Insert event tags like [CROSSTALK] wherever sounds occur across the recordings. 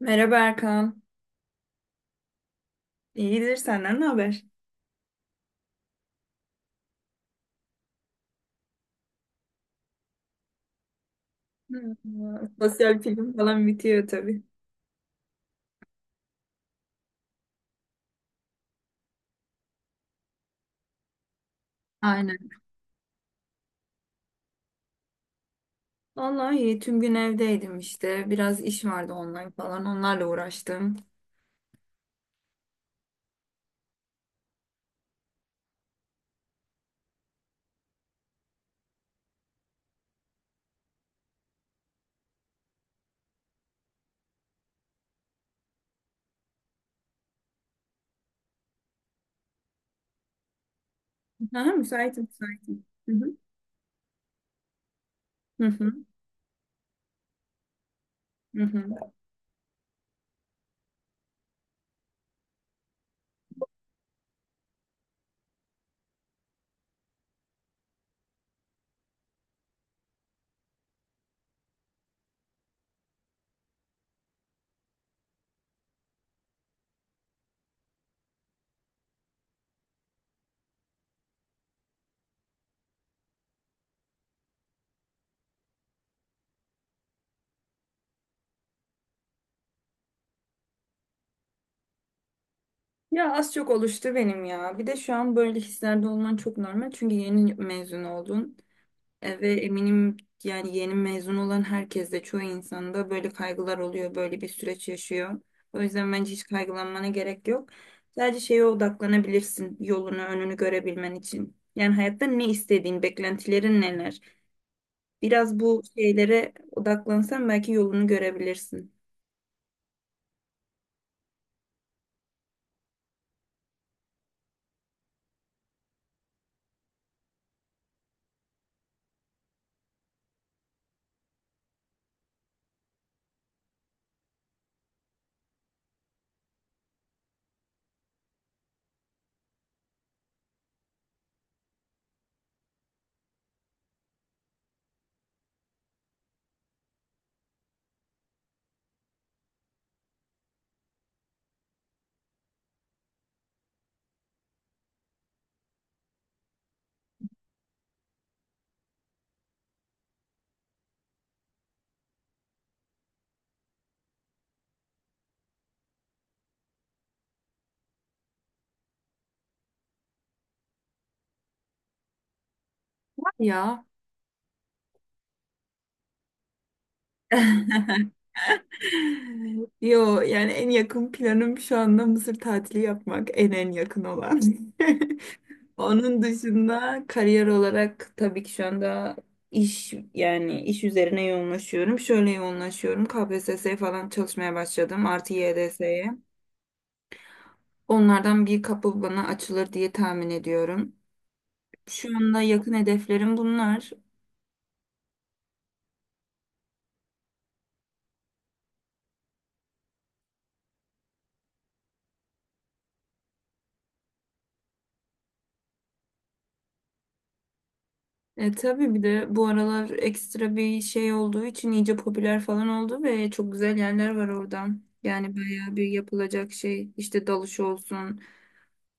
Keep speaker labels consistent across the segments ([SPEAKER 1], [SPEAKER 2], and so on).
[SPEAKER 1] Merhaba Erkan. İyidir, senden ne haber? Merhaba. Sosyal film falan bitiyor tabii. Aynen. Vallahi iyi. Tüm gün evdeydim işte. Biraz iş vardı, online falan. Onlarla uğraştım. Aha, müsaitim, müsaitim. Hı hı. Hı hı. Hı hı. Ya az çok oluştu benim ya. Bir de şu an böyle hislerde olman çok normal. Çünkü yeni mezun oldun. Ve eminim yani yeni mezun olan herkeste, çoğu insanda böyle kaygılar oluyor, böyle bir süreç yaşıyor. O yüzden bence hiç kaygılanmana gerek yok. Sadece şeye odaklanabilirsin, yolunu, önünü görebilmen için. Yani hayatta ne istediğin, beklentilerin neler? Biraz bu şeylere odaklansan belki yolunu görebilirsin. Ya [LAUGHS] Yo, yani en yakın planım şu anda Mısır tatili yapmak, en yakın olan. [LAUGHS] Onun dışında kariyer olarak tabii ki şu anda iş, yani iş üzerine yoğunlaşıyorum. Şöyle yoğunlaşıyorum: KPSS'ye falan çalışmaya başladım. Artı YDS'ye. Onlardan bir kapı bana açılır diye tahmin ediyorum. Şu anda yakın hedeflerim bunlar. Tabii bir de bu aralar ekstra bir şey olduğu için iyice popüler falan oldu ve çok güzel yerler var oradan. Yani bayağı bir yapılacak şey, işte dalış olsun,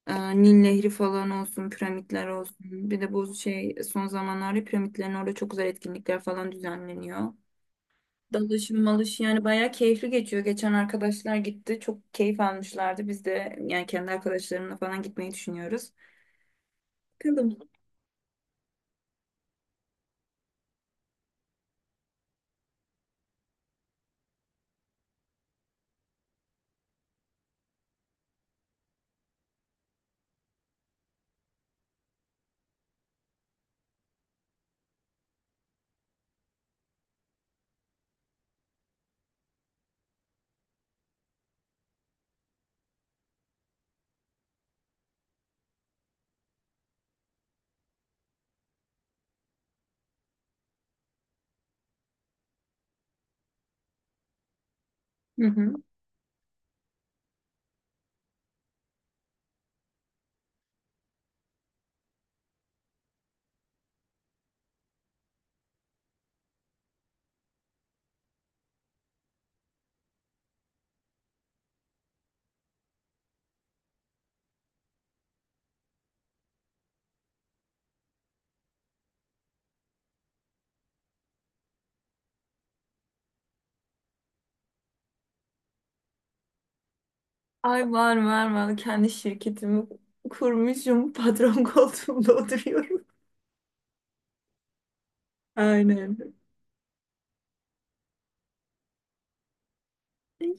[SPEAKER 1] Nil Nehri falan olsun, piramitler olsun. Bir de bu şey, son zamanlarda piramitlerin orada çok güzel etkinlikler falan düzenleniyor. Dalışım malış, yani bayağı keyifli geçiyor. Geçen arkadaşlar gitti, çok keyif almışlardı. Biz de yani kendi arkadaşlarımla falan gitmeyi düşünüyoruz. Bakalım. Hı hı. Ay, var var var. Kendi şirketimi kurmuşum. Patron koltuğumda [LAUGHS] oturuyorum. Aynen.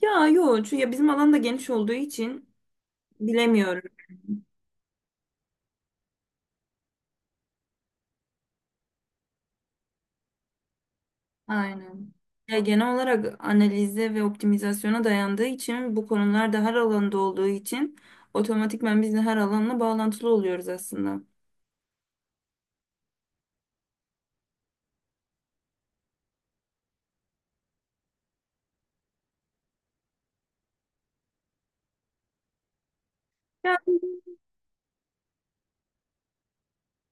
[SPEAKER 1] Ya yok. Çünkü ya bizim alan da geniş olduğu için bilemiyorum. Aynen. Ya genel olarak analize ve optimizasyona dayandığı için, bu konular da her alanda olduğu için otomatikman biz de her alanla bağlantılı oluyoruz aslında. Yani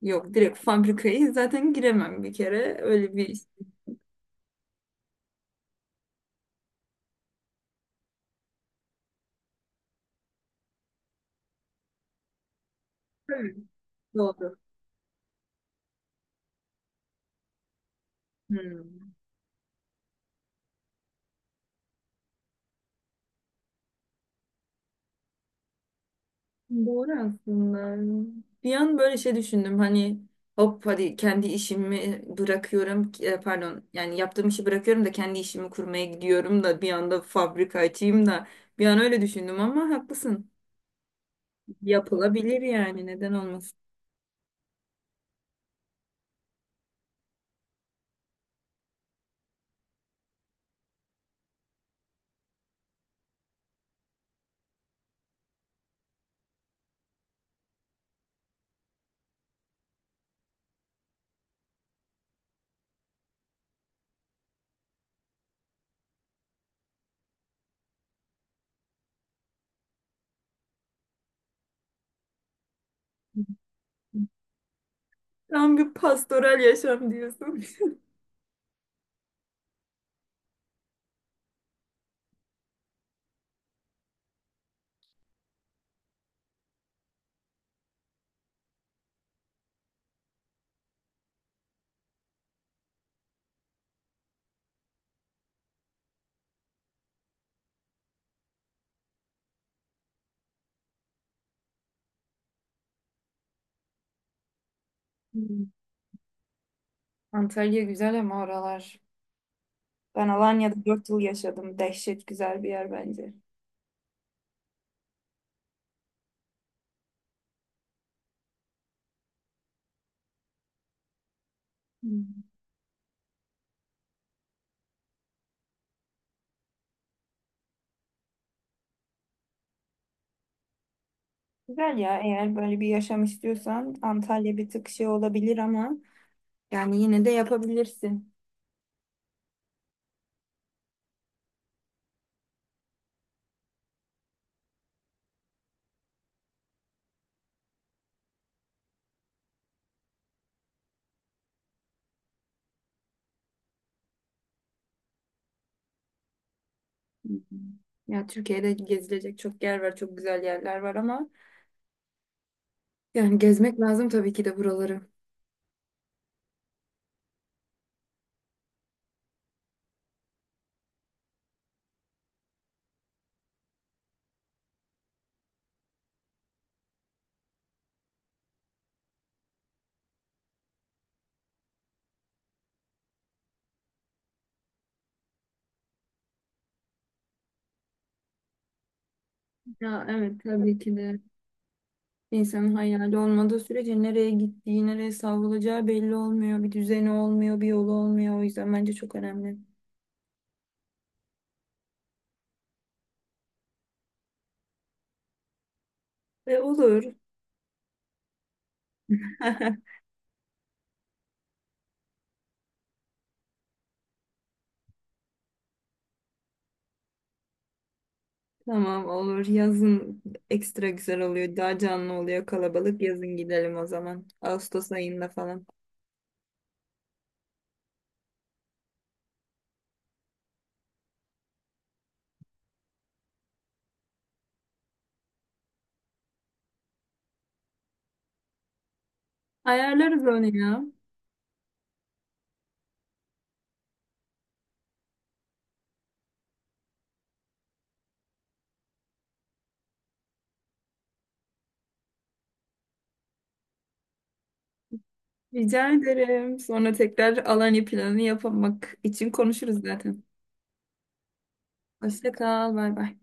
[SPEAKER 1] yok, direkt fabrikayı zaten giremem bir kere. Öyle bir. Tabii. Doğru. Hmm. Doğru aslında. Bir an böyle şey düşündüm, hani hop, hadi kendi işimi bırakıyorum, pardon yani yaptığım işi bırakıyorum da kendi işimi kurmaya gidiyorum da bir anda fabrika açayım da, bir an öyle düşündüm ama haklısın. Yapılabilir yani, neden olmasın. [LAUGHS] Tam bir pastoral yaşam diyorsun. [LAUGHS] Hmm. Antalya güzel ama oralar. Ben Alanya'da 4 yıl yaşadım. Dehşet güzel bir yer bence. Hmm. Güzel ya, eğer böyle bir yaşam istiyorsan Antalya bir tık şey olabilir ama yani yine de yapabilirsin. Hı hı. Ya Türkiye'de gezilecek çok yer var, çok güzel yerler var ama yani gezmek lazım tabii ki de buraları. Ya evet, tabii ki de insanın hayali olmadığı sürece nereye gittiği, nereye savrulacağı belli olmuyor. Bir düzeni olmuyor, bir yolu olmuyor. O yüzden bence çok önemli. Ve olur. [LAUGHS] Tamam, olur. Yazın ekstra güzel oluyor. Daha canlı oluyor, kalabalık. Yazın gidelim o zaman. Ağustos ayında falan. Ayarlarız onu ya. Rica ederim. Sonra tekrar Alanya planı yapmak için konuşuruz zaten. Hoşça kal. Bay bay.